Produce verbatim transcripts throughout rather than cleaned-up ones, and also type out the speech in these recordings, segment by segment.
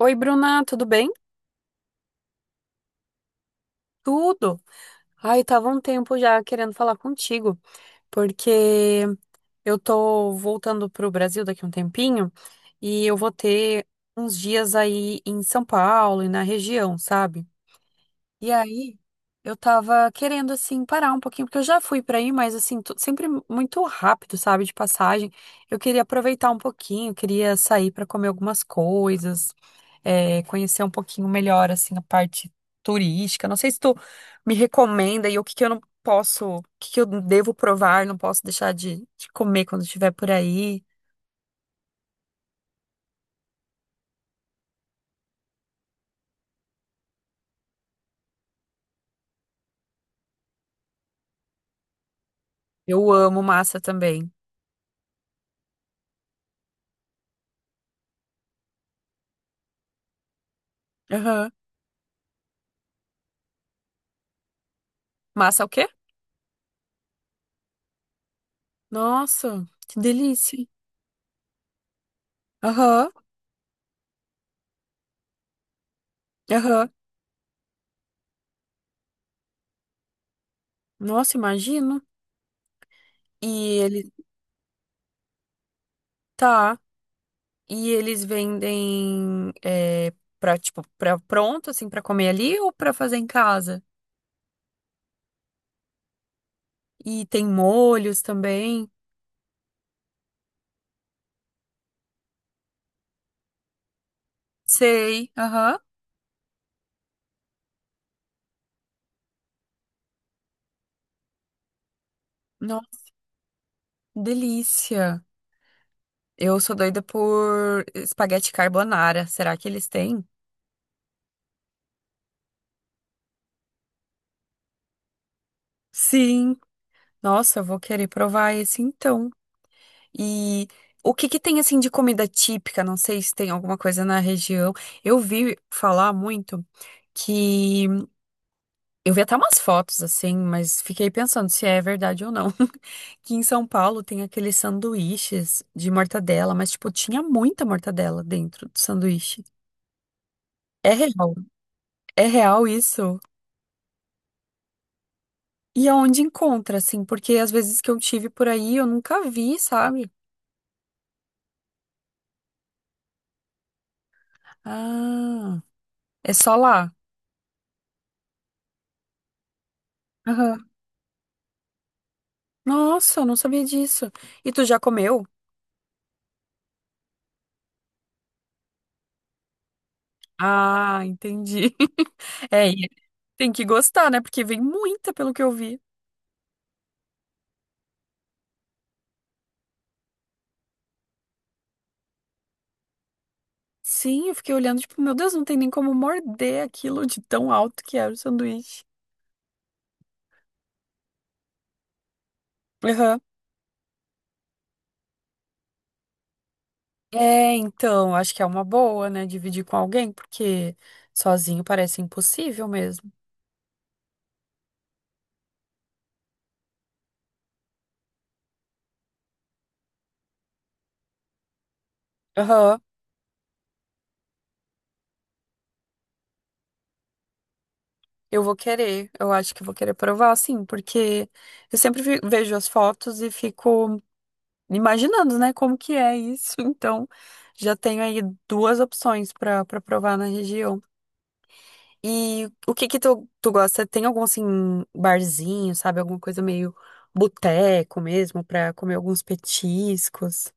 Oi, Bruna, tudo bem? Tudo. Ai, tava um tempo já querendo falar contigo, porque eu tô voltando pro Brasil daqui a um tempinho e eu vou ter uns dias aí em São Paulo e na região, sabe? E aí, eu tava querendo, assim, parar um pouquinho, porque eu já fui pra aí, mas, assim, tu- sempre muito rápido, sabe, de passagem. Eu queria aproveitar um pouquinho, queria sair pra comer algumas coisas, é, conhecer um pouquinho melhor, assim, a parte turística. Não sei se tu me recomenda e o que que eu não posso, o que que eu devo provar, não posso deixar de, de comer quando estiver por aí. Eu amo massa também. Aham. Massa é o quê? Nossa, que delícia. Aham, aham. Nossa, imagino. E ele tá. E eles vendem é, pra, tipo, pra pronto, assim, pra comer ali ou pra fazer em casa? E tem molhos também. Sei, aham. Nossa, delícia. Eu sou doida por espaguete carbonara. Será que eles têm? Sim. Nossa, eu vou querer provar esse então. E o que que tem, assim, de comida típica? Não sei se tem alguma coisa na região. Eu vi falar muito que eu vi até umas fotos assim, mas fiquei pensando se é verdade ou não. Que em São Paulo tem aqueles sanduíches de mortadela, mas tipo, tinha muita mortadela dentro do sanduíche. É real, é real isso. E aonde encontra, assim, porque às vezes que eu tive por aí eu nunca vi, sabe? Ah, é só lá. Aham. Nossa, eu não sabia disso. E tu já comeu? Ah, entendi. É, e tem que gostar, né? Porque vem muita, pelo que eu vi. Sim, eu fiquei olhando, tipo, meu Deus, não tem nem como morder aquilo de tão alto que era o sanduíche. Aham. É, então, acho que é uma boa, né? Dividir com alguém, porque sozinho parece impossível mesmo. Aham. Eu vou querer, eu acho que eu vou querer provar, sim, porque eu sempre vi- vejo as fotos e fico imaginando, né, como que é isso. Então, já tenho aí duas opções para para provar na região. E o que que tu, tu gosta? Tem algum, assim, barzinho, sabe? Alguma coisa meio boteco mesmo, pra comer alguns petiscos?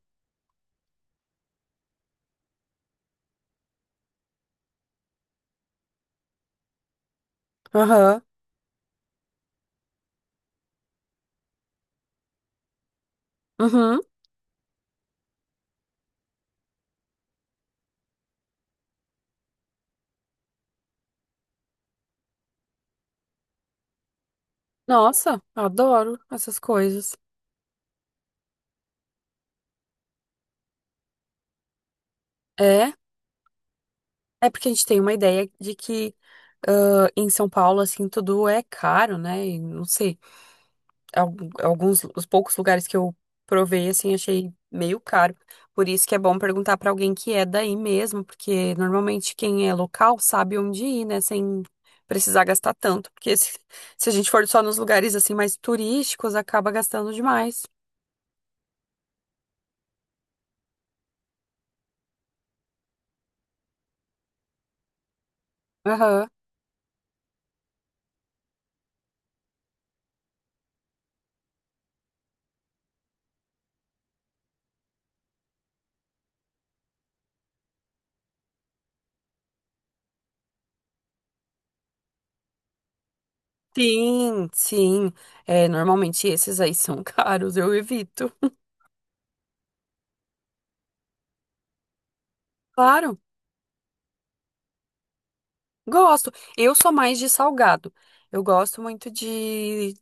Aham. Uhum. Nossa, adoro essas coisas. É, é porque a gente tem uma ideia de que ãh, em São Paulo, assim, tudo é caro, né? E não sei. Algu- alguns, os poucos lugares que eu provei, assim, achei meio caro. Por isso que é bom perguntar pra alguém que é daí mesmo, porque normalmente quem é local sabe onde ir, né, sem precisar gastar tanto, porque se, se a gente for só nos lugares assim mais turísticos, acaba gastando demais. Aham. Sim, sim. É, normalmente esses aí são caros, eu evito. Claro, gosto. Eu sou mais de salgado. Eu gosto muito de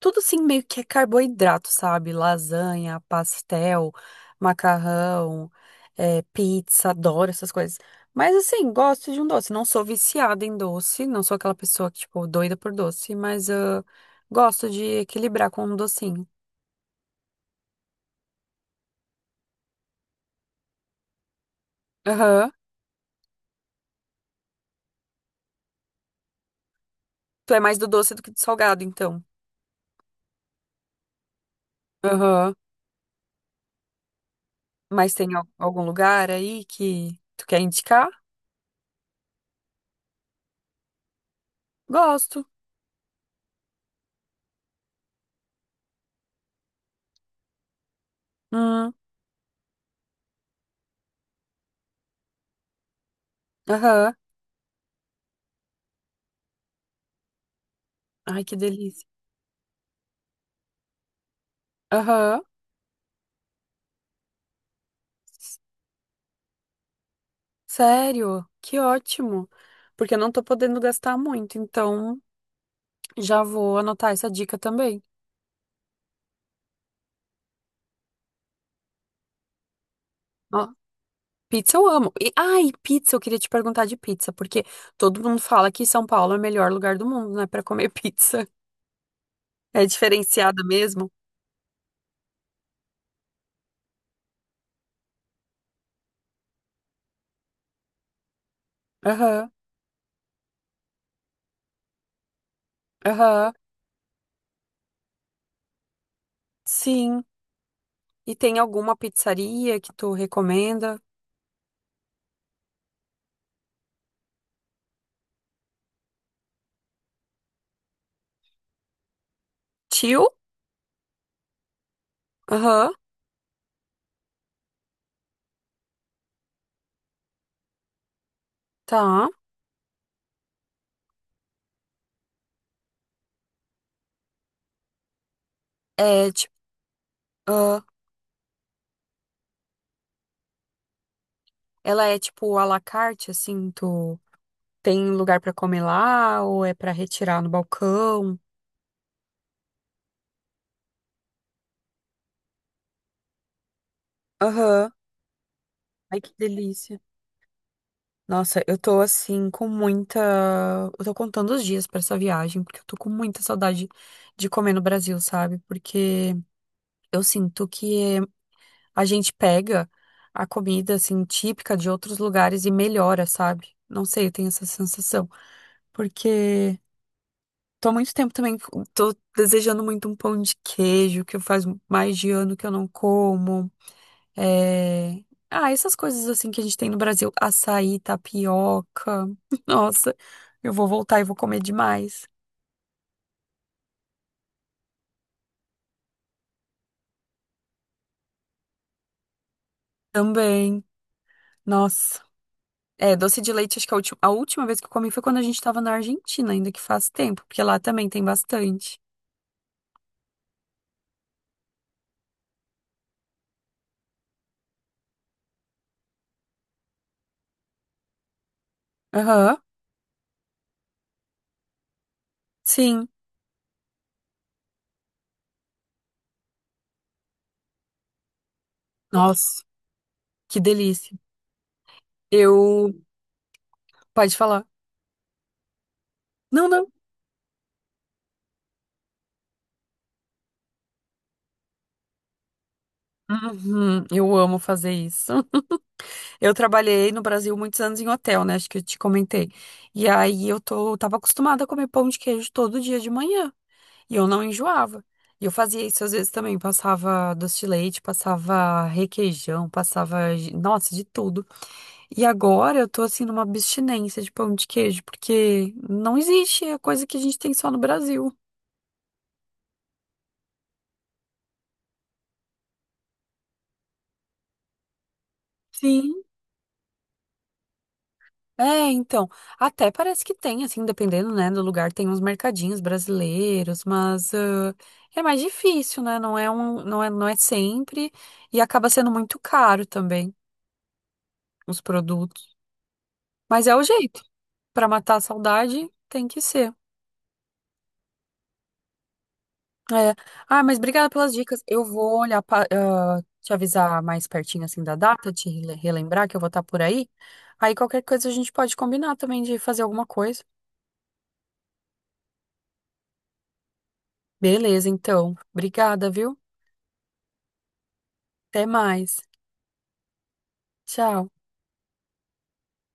tudo assim meio que é carboidrato, sabe? Lasanha, pastel, macarrão, é, pizza, adoro essas coisas. Mas assim, gosto de um doce. Não sou viciada em doce, não sou aquela pessoa que, tipo, doida por doce, mas ah, gosto de equilibrar com um docinho. Aham. Tu é mais do doce do que do salgado, então. Aham. Mas tem al- algum lugar aí que tu quer indicar? Gosto. Hum. Aham. Ai, que delícia. Aham. Sério? Que ótimo! Porque eu não tô podendo gastar muito, então já vou anotar essa dica também. Ó, pizza eu amo. E, ai, pizza, eu queria te perguntar de pizza, porque todo mundo fala que São Paulo é o melhor lugar do mundo, né, pra comer pizza. É diferenciada mesmo? Aham, aham, sim. E tem alguma pizzaria que tu recomenda? Tio? Aham, tá. É, tipo, ah, ela é tipo à la carte, assim, tu. Tem lugar pra comer lá ou é pra retirar no balcão? Aham. Ai, que delícia. Nossa, eu tô assim com muita. Eu tô contando os dias pra essa viagem, porque eu tô com muita saudade de comer no Brasil, sabe? Porque eu sinto que a gente pega a comida assim típica de outros lugares e melhora, sabe? Não sei, eu tenho essa sensação. Porque tô há muito tempo também, tô desejando muito um pão de queijo, que faz mais de ano que eu não como. É... Ah, essas coisas assim que a gente tem no Brasil. Açaí, tapioca. Nossa, eu vou voltar e vou comer demais. Também. Nossa. É, doce de leite, acho que a última, a última vez que eu comi foi quando a gente tava na Argentina, ainda que faz tempo, porque lá também tem bastante. Aham. Sim. Nossa, que delícia. Eu. Pode falar. Não, não. Uhum, eu amo fazer isso. Eu trabalhei no Brasil muitos anos em hotel, né? Acho que eu te comentei. E aí eu tô, tava acostumada a comer pão de queijo todo dia de manhã. E eu não enjoava. E eu fazia isso às vezes também. Passava doce de leite, passava requeijão, passava, ge- nossa, de tudo. E agora eu tô assim numa abstinência de pão de queijo, porque não existe, é coisa que a gente tem só no Brasil. Sim. É, então, até parece que tem, assim, dependendo, né, do lugar, tem uns mercadinhos brasileiros, mas ah, é mais difícil, né? Não é um, não é, não é sempre e acaba sendo muito caro também os produtos. Mas é o jeito. Pra matar a saudade, tem que ser. É. Ah, mas obrigada pelas dicas. Eu vou olhar pa- ah, te avisar mais pertinho assim da data, te rele- relembrar que eu vou estar por aí. Aí qualquer coisa a gente pode combinar também de fazer alguma coisa. Beleza, então. Obrigada, viu? Até mais. Tchau.